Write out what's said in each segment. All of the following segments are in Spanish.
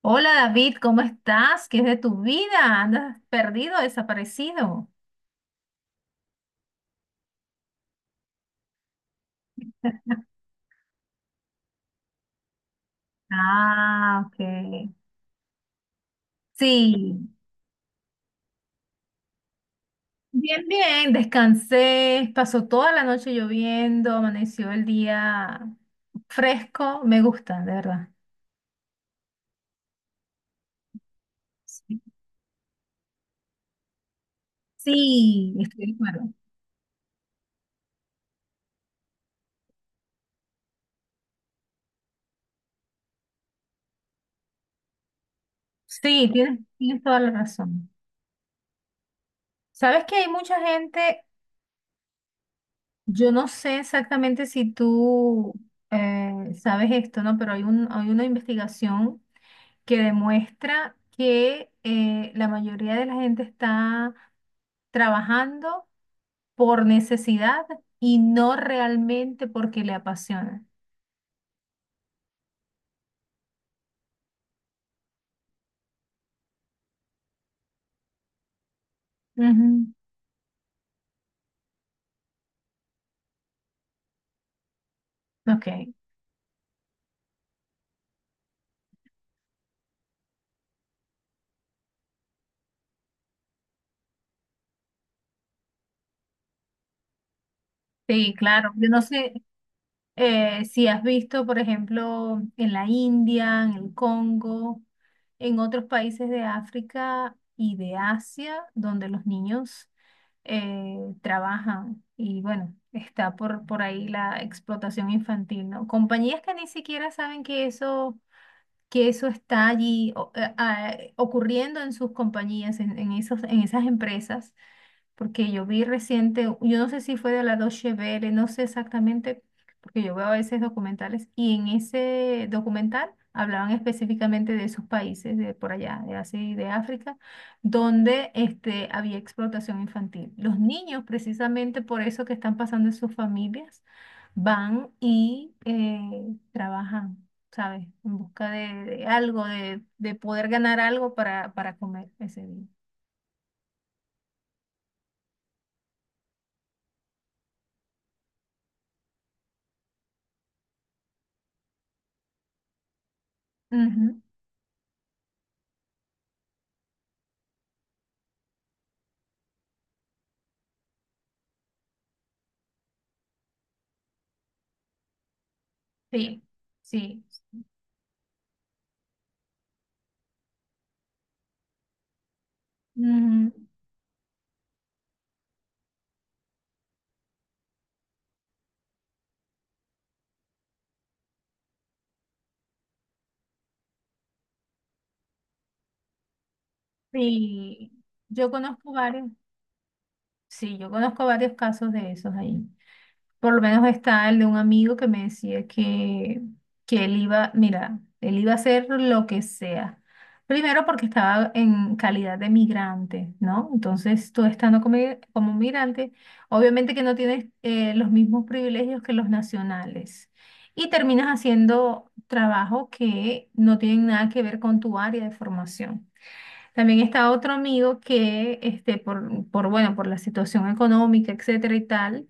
Hola David, ¿cómo estás? ¿Qué es de tu vida? ¿Andas perdido, desaparecido? Ah, ok. Sí, bien, bien, descansé, pasó toda la noche lloviendo, amaneció el día fresco, me gusta, de verdad. Sí, sí, estoy de acuerdo. Sí, tienes toda la razón. Sabes que hay mucha gente, yo no sé exactamente si tú eh, sabes esto, ¿no? Pero hay una investigación que demuestra que la mayoría de la gente está trabajando por necesidad y no realmente porque le apasiona. Ujú. Ok, sí, claro. Yo no sé, si has visto, por ejemplo, en la India, en el Congo, en otros países de África y de Asia, donde los niños trabajan. Y bueno, está por ahí la explotación infantil, ¿no? Compañías que ni siquiera saben que eso está allí ocurriendo en sus compañías, en esos, en esas empresas, porque yo vi reciente, yo no sé si fue de la Deutsche Welle, no sé exactamente, porque yo veo a veces documentales y en ese documental hablaban específicamente de esos países de por allá, de Asia y de África, donde este, había explotación infantil. Los niños, precisamente por eso que están pasando en sus familias, van y trabajan. ¿Sabes? En busca de algo, de poder ganar algo para comer ese día. Ujú, sí, sí. Mm, sí, yo conozco varios, sí, yo conozco varios casos de esos ahí. Por lo menos está el de un amigo que me decía que él iba, mira, él iba a hacer lo que sea. Primero porque estaba en calidad de migrante, ¿no? Entonces tú estando como migrante, obviamente que no tienes los mismos privilegios que los nacionales. Y terminas haciendo trabajo que no tienen nada que ver con tu área de formación. También está otro amigo que, este, bueno, por la situación económica, etcétera y tal,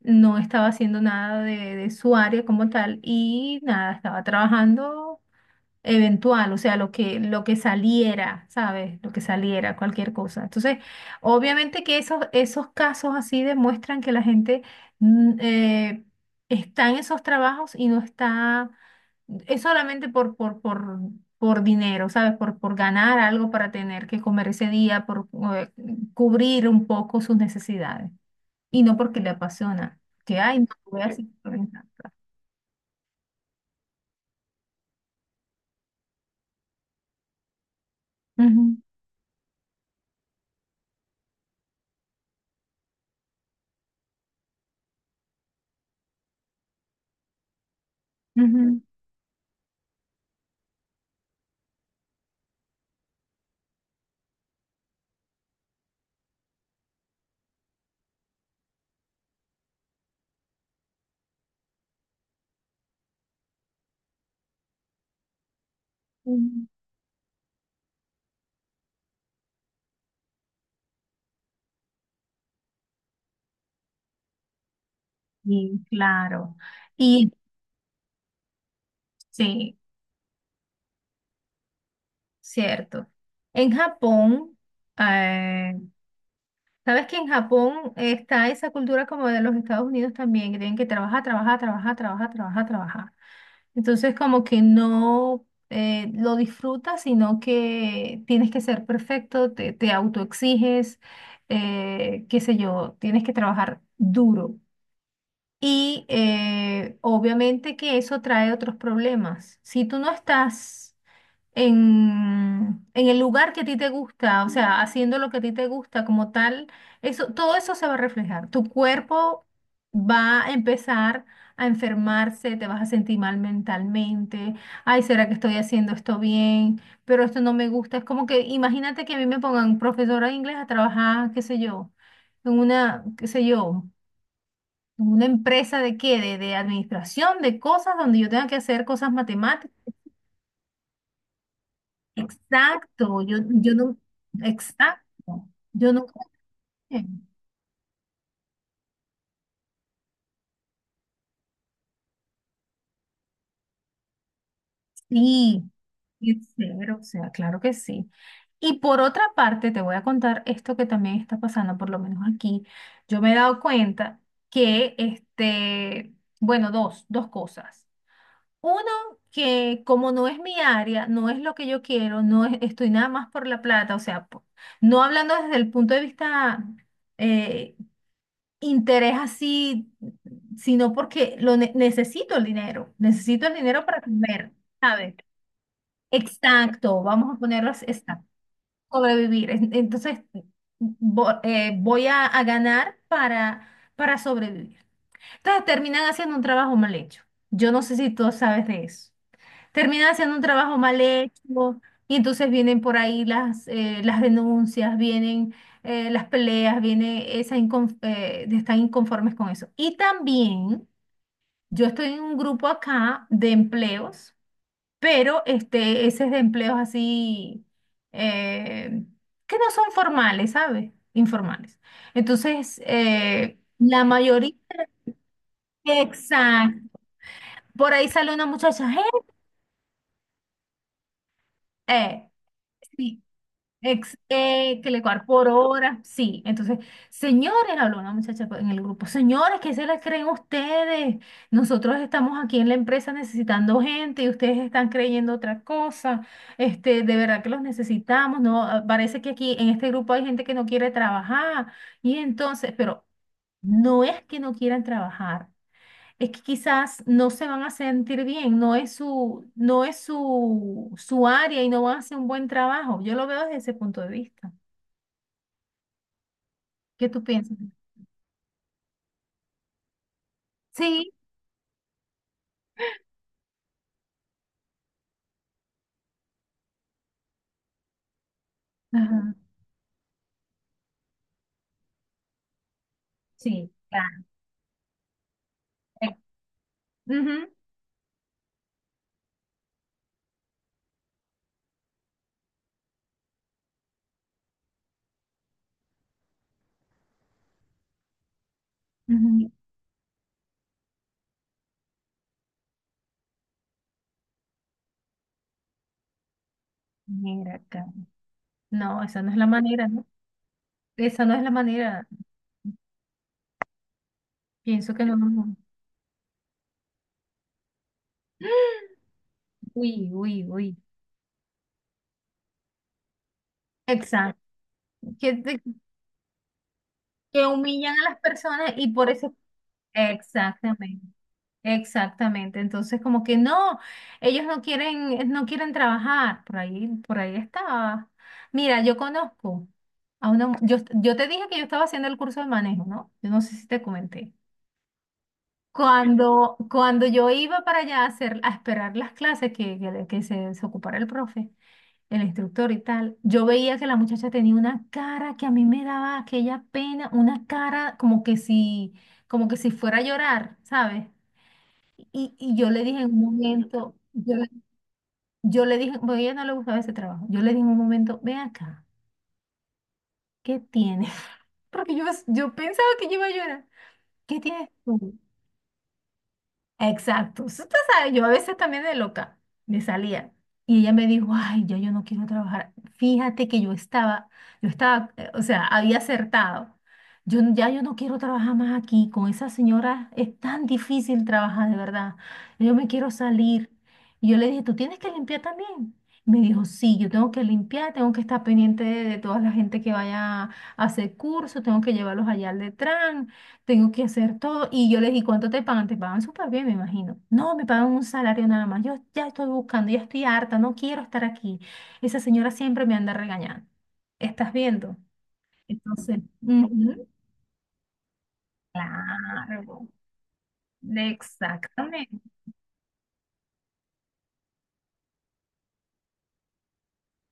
no estaba haciendo nada de su área como tal, y nada, estaba trabajando eventual, o sea, lo que saliera, ¿sabes? Lo que saliera, cualquier cosa. Entonces, obviamente que esos casos así demuestran que la gente mm, eh, está en esos trabajos y no está, es solamente por dinero, ¿sabes? Por por ganar algo para tener que comer ese día, por eh, cubrir un poco sus necesidades y no porque le apasiona. Que, ay, no, voy a hacer por esta. Ujú, ujú, ujú. Y claro. Y sí, cierto. En Japón, eh, ¿sabes que en Japón está esa cultura como de los Estados Unidos también, que tienen que trabajar, trabajar, trabajar, trabajar, trabajar, trabajar? Entonces como que no lo disfrutas, sino que tienes que ser perfecto, te autoexiges, qué sé yo, tienes que trabajar duro. Y obviamente que eso trae otros problemas. Si tú no estás en el lugar que a ti te gusta, o sea, haciendo lo que a ti te gusta como tal, eso, todo eso se va a reflejar. Tu cuerpo va a empezar a enfermarse, te vas a sentir mal mentalmente, ay, ¿será que estoy haciendo esto bien? Pero esto no me gusta. Es como que, imagínate que a mí me pongan profesora de inglés a trabajar, qué sé yo, en una, qué sé yo, en una empresa de qué, de administración, de cosas donde yo tenga que hacer cosas matemáticas. Exacto, yo no, exacto, yo nunca, sí, es cero, o sea, claro que sí. Y por otra parte, te voy a contar esto que también está pasando, por lo menos aquí, yo me he dado cuenta que, este, bueno, dos cosas. Uno, que como no es mi área, no es lo que yo quiero, estoy nada más por la plata, o sea, no hablando desde el punto de vista eh, interés así, sino porque necesito el dinero para comer, ¿sabes? Exacto, vamos a ponerlo así, exacto, sobrevivir. Entonces, voy a ganar para sobrevivir. Entonces, terminan haciendo un trabajo mal hecho. Yo no sé si tú sabes de eso, termina haciendo un trabajo mal hecho, y entonces vienen por ahí las denuncias, vienen las peleas, viene esa de estar inconformes con eso. Y también yo estoy en un grupo acá de empleos, pero este, ese es de empleos así eh, que no son formales, ¿sabes? Informales. Entonces, la mayoría, exacto, por ahí sale una muchacha, "Hey, eh, sí, que le cobrar por hora, sí. Entonces, señores, habló una muchacha en el grupo, señores, ¿qué se les creen ustedes? Nosotros estamos aquí en la empresa necesitando gente y ustedes están creyendo otra cosa. Este, de verdad que los necesitamos, ¿no? Ah, parece que aquí en este grupo hay gente que no quiere trabajar. Y entonces, pero no es que no quieran trabajar, es que quizás no se van a sentir bien, no es su su área, y no van a hacer un buen trabajo. Yo lo veo desde ese punto de vista. ¿Qué tú piensas? Sí, ajá, sí, claro. Eh, ujú, ujú. Mira acá. No, esa no es la manera, ¿no? Esa no es la manera. Pienso que no. No, no. Uy, uy, uy. Exacto. Que, te- que humillan a las personas y por eso. Exactamente. Exactamente, entonces como que no, ellos no quieren, no quieren trabajar, por ahí estaba. Mira, yo conozco a una, yo te dije que yo estaba haciendo el curso de manejo, ¿no? Yo no sé si te comenté. Cuando yo iba para allá a hacer, a esperar las clases que se ocupara el profe, el instructor y tal, yo veía que la muchacha tenía una cara que a mí me daba aquella pena, una cara como que si fuera a llorar, ¿sabes? Y yo le dije en un momento, yo le dije, bueno, a ella no le gustaba ese trabajo. Yo le dije en un momento, ven acá, ¿qué tienes? Porque yo pensaba que yo iba a llorar. ¿Qué tienes tú? Exacto. Tú sabes, yo a veces también de loca me salía. Y ella me dijo, ay, ya yo no quiero trabajar. Fíjate que yo estaba, o sea, había acertado. Ya yo no quiero trabajar más aquí. Con esa señora es tan difícil trabajar, de verdad. Yo me quiero salir. Y yo le dije, tú tienes que limpiar también. Me dijo, sí, yo tengo que limpiar, tengo que estar pendiente de toda la gente que vaya a hacer curso, tengo que llevarlos allá al Detran, tengo que hacer todo. Y yo les di, ¿cuánto te pagan? Te pagan súper bien, me imagino. No, me pagan un salario nada más. Yo ya estoy buscando, ya estoy harta, no quiero estar aquí. Esa señora siempre me anda regañando. ¿Estás viendo? Entonces, ujú, claro, exactamente.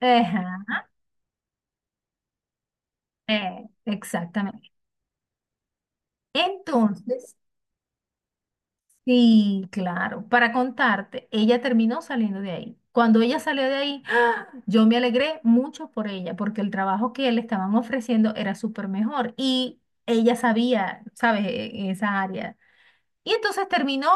Ajá, exactamente. Entonces, sí, claro, para contarte, ella terminó saliendo de ahí. Cuando ella salió de ahí, yo me alegré mucho por ella, porque el trabajo que le estaban ofreciendo era súper mejor y ella sabía, ¿sabes?, en esa área. Y entonces terminó,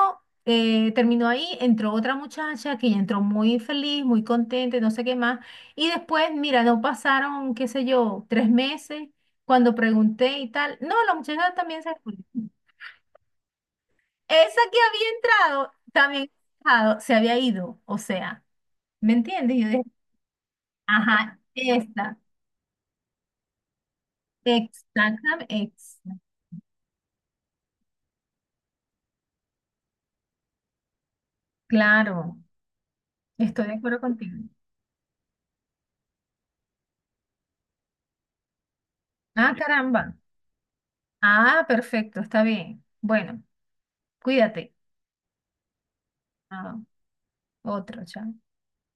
terminó ahí, entró otra muchacha que ya entró muy feliz, muy contenta, y no sé qué más. Y después, mira, no pasaron, qué sé yo, tres meses cuando pregunté y tal. No, la muchacha también se fue. Esa que había entrado, también había entrado, se había ido, o sea, ¿me entiendes? Yo dije, ajá, esta. Exactamente, claro, estoy de acuerdo contigo. Ah, caramba. Ah, perfecto, está bien. Bueno, cuídate. Ah, otro, chao.